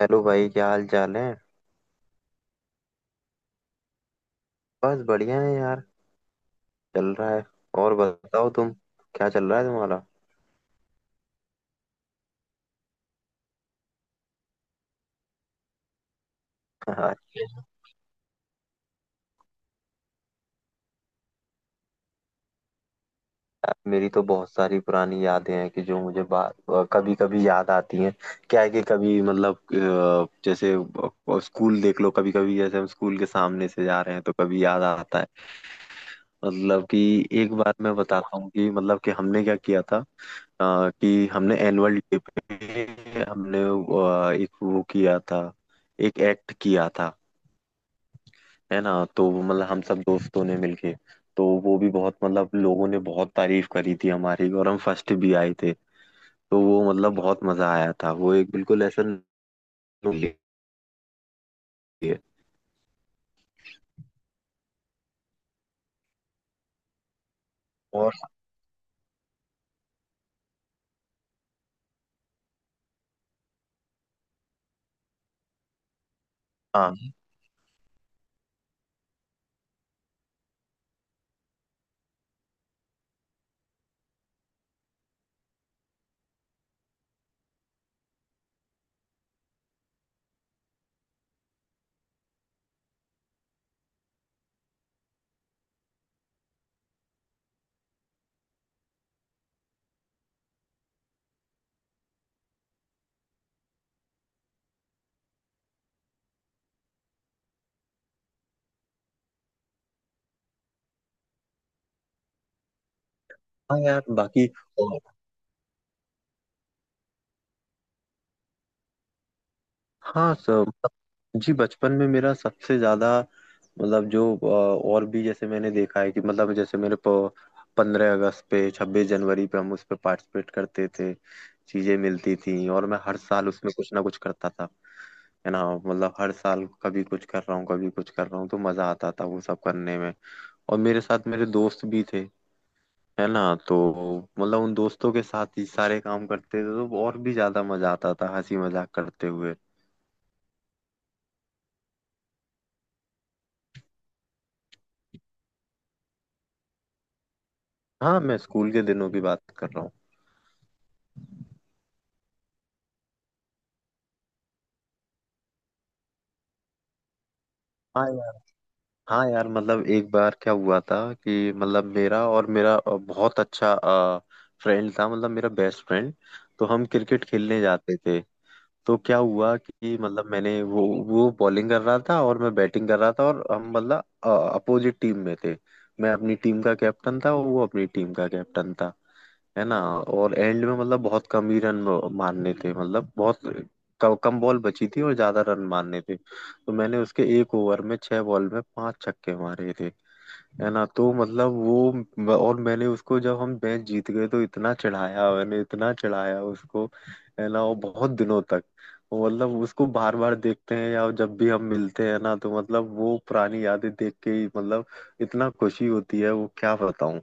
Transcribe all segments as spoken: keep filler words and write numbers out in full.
Hello भाई, क्या हाल चाल है। बस बढ़िया है यार। चल रहा है। और बताओ तुम, क्या चल रहा है तुम्हारा। हाँ। यार, मेरी तो बहुत सारी पुरानी यादें हैं कि जो मुझे कभी कभी याद आती हैं। क्या है कि कभी मतलब अ, जैसे अ, स्कूल देख लो, कभी कभी जैसे हम स्कूल के सामने से जा रहे हैं तो कभी याद आता है। मतलब कि एक बार मैं बताता हूँ कि मतलब कि हमने क्या किया था। अ, कि हमने एनुअल डे पे हमने अ, एक वो किया था। एक एक्ट किया था। है ना, तो वो मतलब हम सब दोस्तों ने मिलके, तो वो भी बहुत मतलब लोगों ने बहुत तारीफ करी थी हमारी, और हम फर्स्ट भी आए थे। तो वो मतलब बहुत मजा आया था, वो एक बिल्कुल ऐसा नोट है। और। हाँ। हाँ यार, बाकी। और। हाँ सब। जी, बचपन में मेरा सबसे ज्यादा, मतलब जो अ, और भी जैसे मैंने देखा है कि मतलब जैसे मेरे पंद्रह अगस्त पे, छब्बीस जनवरी पे, हम उस पे पार्टिसिपेट करते थे। चीजें मिलती थी, और मैं हर साल उसमें कुछ ना कुछ करता था। है ना, मतलब हर साल कभी कुछ कर रहा हूँ, कभी कुछ कर रहा हूँ, तो मजा आता था वो सब करने में। और मेरे साथ मेरे दोस्त भी थे। है ना। तो मतलब उन दोस्तों के साथ ही सारे काम करते थे, तो और भी ज्यादा मजा आता था हंसी मजाक करते हुए। हाँ, मैं स्कूल के दिनों की बात कर रहा हूँ। हाँ यार। हाँ यार, मतलब एक बार क्या हुआ था कि मतलब मेरा और मेरा अ, बहुत अच्छा फ्रेंड था, मतलब मेरा बेस्ट फ्रेंड। तो हम क्रिकेट खेलने जाते थे। तो क्या हुआ कि मतलब मैंने, वो वो बॉलिंग कर रहा था और मैं बैटिंग कर रहा था, और हम मतलब अपोजिट टीम में थे। मैं अपनी टीम का कैप्टन था और वो अपनी टीम का कैप्टन था। है ना, और एंड में मतलब बहुत कम ही रन मारने थे, मतलब बहुत कम, कम बॉल बची थी और ज्यादा रन मारने थे, तो मैंने उसके एक ओवर में छह बॉल में पांच छक्के मारे थे। है ना, तो मतलब वो म- और मैंने उसको, जब हम मैच जीत गए तो इतना चढ़ाया, मैंने इतना चढ़ाया उसको। है ना, और बहुत दिनों तक वो, मतलब उसको बार बार देखते हैं, या जब भी हम मिलते हैं ना, तो मतलब वो पुरानी यादें देख के ही मतलब इतना खुशी होती है, वो क्या बताऊं।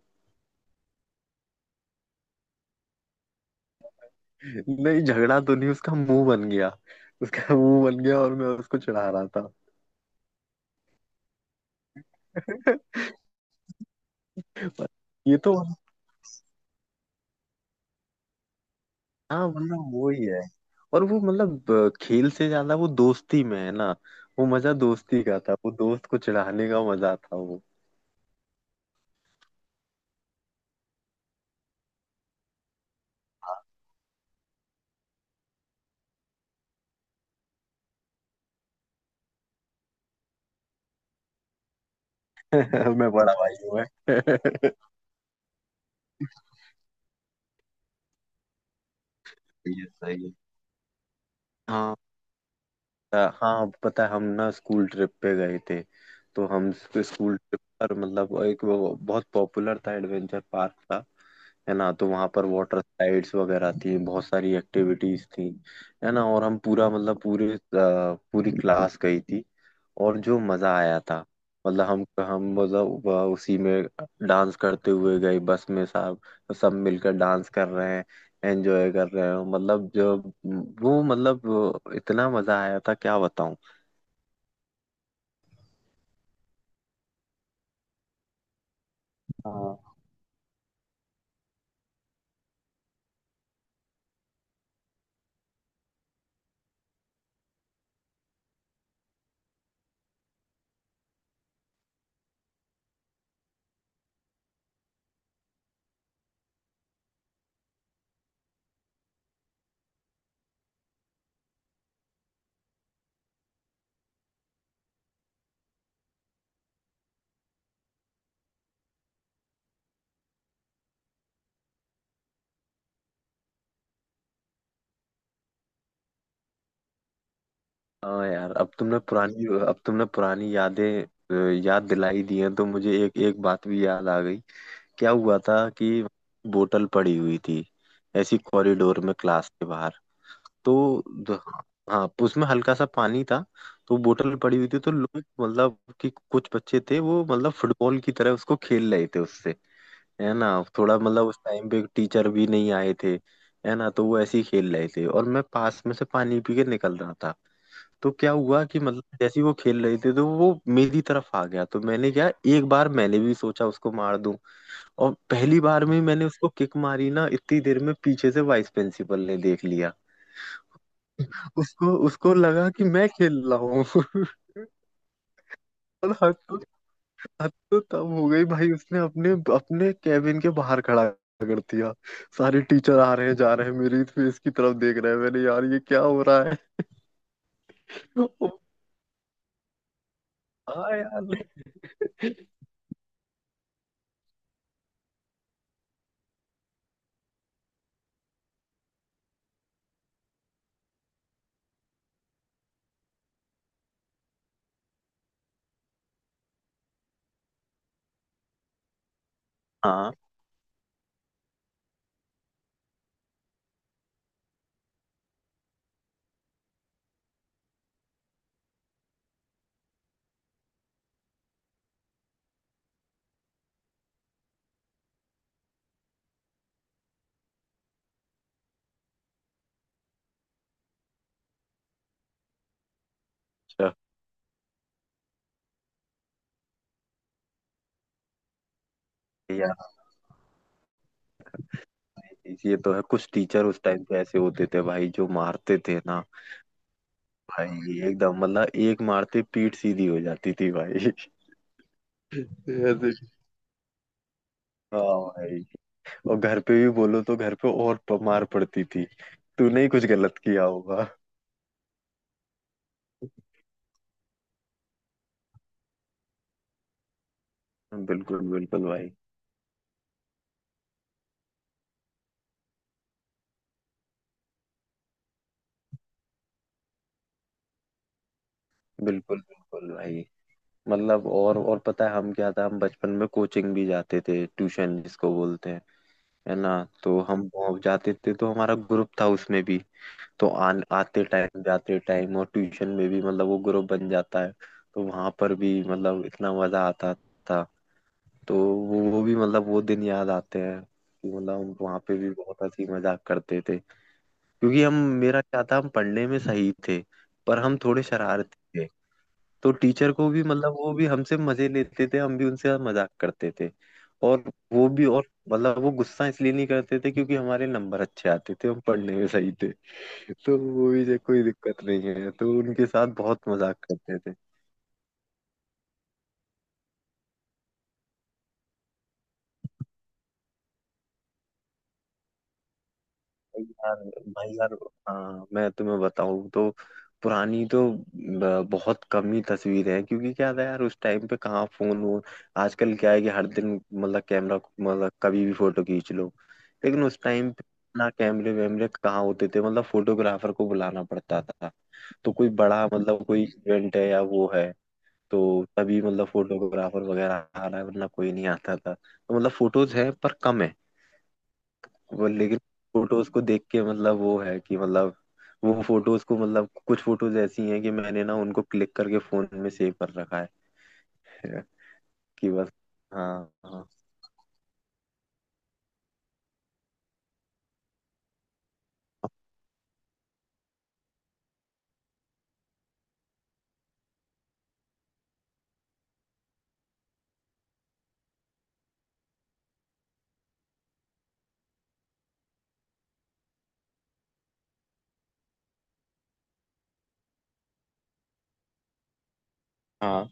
नहीं, झगड़ा तो नहीं। उसका मुंह बन गया। उसका मुंह बन गया और मैं उसको चढ़ा रहा था। ये तो। हाँ, मतलब वही है। और वो मतलब अ, खेल से ज्यादा वो दोस्ती में है ना। वो मजा दोस्ती का था, वो दोस्त को चिढ़ाने का मजा था वो। मैं बड़ा भाई हूँ मैं। सही है, सही है। हाँ, पता- हाँ पता है, हम ना स्कूल ट्रिप पे गए थे। तो हम स्कूल ट्रिप पर, मतलब एक वो बहुत पॉपुलर था, एडवेंचर पार्क था। है ना, तो वहां पर वाटर स्लाइड्स वगैरह थी, बहुत सारी एक्टिविटीज थी। है ना, और हम पूरा, मतलब पूरे अ, पूरी क्लास गई थी। और जो मजा आया था, मतलब हम हम मतलब वह उसी में डांस करते हुए गए, बस में सब, सब मिलकर डांस कर रहे हैं, एंजॉय कर रहे हैं, मतलब जो वो मतलब इतना मजा आया था, क्या बताऊं। हाँ हाँ यार, अब तुमने पुरानी अब तुमने पुरानी यादें अ, याद दिलाई दी हैं, तो मुझे एक एक बात भी याद आ गई। क्या हुआ था कि बोतल पड़ी हुई थी, ऐसी कॉरिडोर में, क्लास के बाहर। तो द- हाँ, तो उसमें हल्का सा पानी था। तो बोतल पड़ी हुई थी, तो लोग मतलब कि कुछ बच्चे थे, वो मतलब फुटबॉल की तरह उसको खेल रहे थे उससे। है ना, थोड़ा मतलब उस टाइम पे टीचर भी नहीं आए थे। है ना, तो वो ऐसे ही खेल रहे थे, और मैं पास में से पानी पी के निकल रहा था। तो क्या हुआ कि मतलब जैसे ही वो खेल रहे थे, तो वो मेरी तरफ आ गया, तो मैंने क्या, एक बार मैंने भी सोचा उसको मार दूं। और पहली बार में ही मैंने उसको किक मारी ना, इतनी देर में पीछे से वाइस प्रिंसिपल ने देख लिया। उसको उसको लगा कि मैं खेल रहा हूँ। और हद तो हद तो तब हो गई भाई, उसने अपने अपने कैबिन के बाहर खड़ा कर दिया। सारे टीचर आ रहे हैं, जा रहे हैं, मेरी फेस की तरफ देख रहे हैं, मैंने यार, ये क्या हो रहा है। हाँ यार। हाँ। अच्छा। यार, ये तो है, कुछ टीचर उस टाइम पे ऐसे होते थे भाई, जो मारते थे ना। भाई एकदम, मतलब एक मारते पीठ सीधी हो जाती थी भाई। ऐसे। हाँ भाई। और घर पे भी बोलो तो घर पे और प- मार पड़ती थी। तूने ही कुछ गलत किया होगा। बिल्कुल बिल्कुल भाई। बिल्कुल बिल्कुल भाई। मतलब और और पता है हम, क्या था, हम बचपन में कोचिंग भी जाते थे, ट्यूशन जिसको बोलते हैं। है ना, तो हम वहाँ जाते थे, तो हमारा ग्रुप था उसमें भी। तो आन आते टाइम जाते टाइम, और ट्यूशन में भी, मतलब वो ग्रुप बन जाता है। तो वहां पर भी मतलब इतना मजा आता था। तो वो वो भी मतलब वो दिन याद आते हैं कि मतलब हम वहाँ पे भी बहुत हंसी मजाक करते थे। क्योंकि हम, मेरा क्या था, हम पढ़ने में सही थे, पर हम थोड़े शरारती थे। तो टीचर को भी मतलब वो भी हमसे मजे लेते थे, हम भी उनसे मजाक करते थे। और वो भी, और मतलब वो गुस्सा इसलिए नहीं करते थे, क्योंकि हमारे नंबर अच्छे आते थे, हम पढ़ने में सही थे। तो वो भी, जो कोई दिक्कत नहीं है, तो उनके साथ बहुत मजाक करते थे। भाई यार, भाई यार। हाँ, मैं तुम्हें बताऊँ तो पुरानी तो ब- बहुत कम ही तस्वीर है, क्योंकि क्या था यार, उस टाइम पे कहाँ फोन वोन। आजकल क्या है कि हर दिन मतलब कैमरा, मतलब कभी भी फोटो खींच लो। लेकिन उस टाइम पे ना कैमरे वैमरे कहाँ होते थे, मतलब फोटोग्राफर को बुलाना पड़ता था। तो कोई बड़ा, मतलब कोई इवेंट है या वो है, तो तभी मतलब फोटोग्राफर वगैरह आ रहा है, वरना कोई नहीं आता था। तो मतलब फोटोज है पर कम है। वो लेकिन फोटोज को देख के मतलब वो है कि मतलब वो फोटोज को, मतलब कुछ फोटोज ऐसी हैं कि मैंने ना उनको क्लिक करके फोन में सेव कर रखा है कि बस। हाँ हाँ हाँ।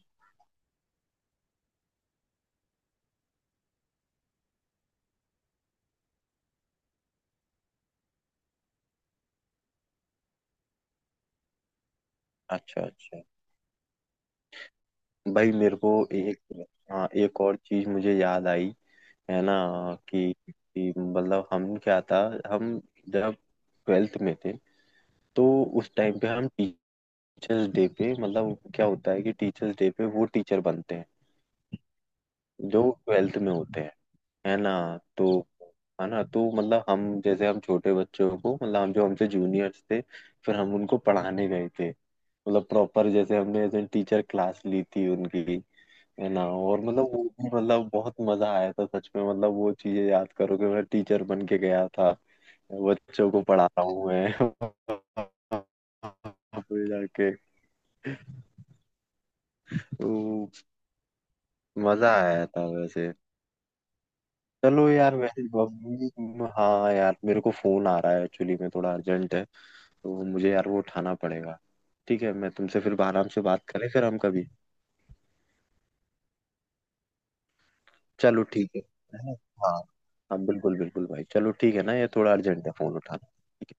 अच्छा अच्छा। भाई मेरे को एक, हाँ, एक और चीज मुझे याद आई। है ना, कि, कि मतलब हम क्या था, हम जब ट्वेल्थ में थे, तो उस टाइम पे हम टीचर्स डे पे, मतलब क्या होता है कि टीचर्स डे पे वो टीचर बनते हैं जो ट्वेल्थ में होते हैं। है ना। तो है ना तो मतलब हम, जैसे हम छोटे बच्चों को, मतलब हम जो हमसे जूनियर्स थे, फिर हम उनको पढ़ाने गए थे, मतलब प्रॉपर जैसे हमने ऐसे टीचर क्लास ली थी उनकी। है ना, और मतलब वो भी मतलब बहुत मजा आया था, सच में मतलब वो चीजें याद करो कि मैं टीचर बन के गया था, बच्चों को पढ़ा रहा हूँ मैं। फिर जाके तो मजा आया था वैसे। चलो यार, वैसे बबली, हाँ यार, मेरे को फोन आ रहा है, एक्चुअली में थोड़ा अर्जेंट है, तो मुझे यार वो उठाना पड़ेगा। ठीक है, मैं तुमसे फिर आराम से बात करें फिर हम कभी। चलो ठीक है है ना? हाँ। हाँ बिल्कुल बिल्कुल भाई, चलो ठीक है ना, ये थोड़ा अर्जेंट है, फोन उठाना।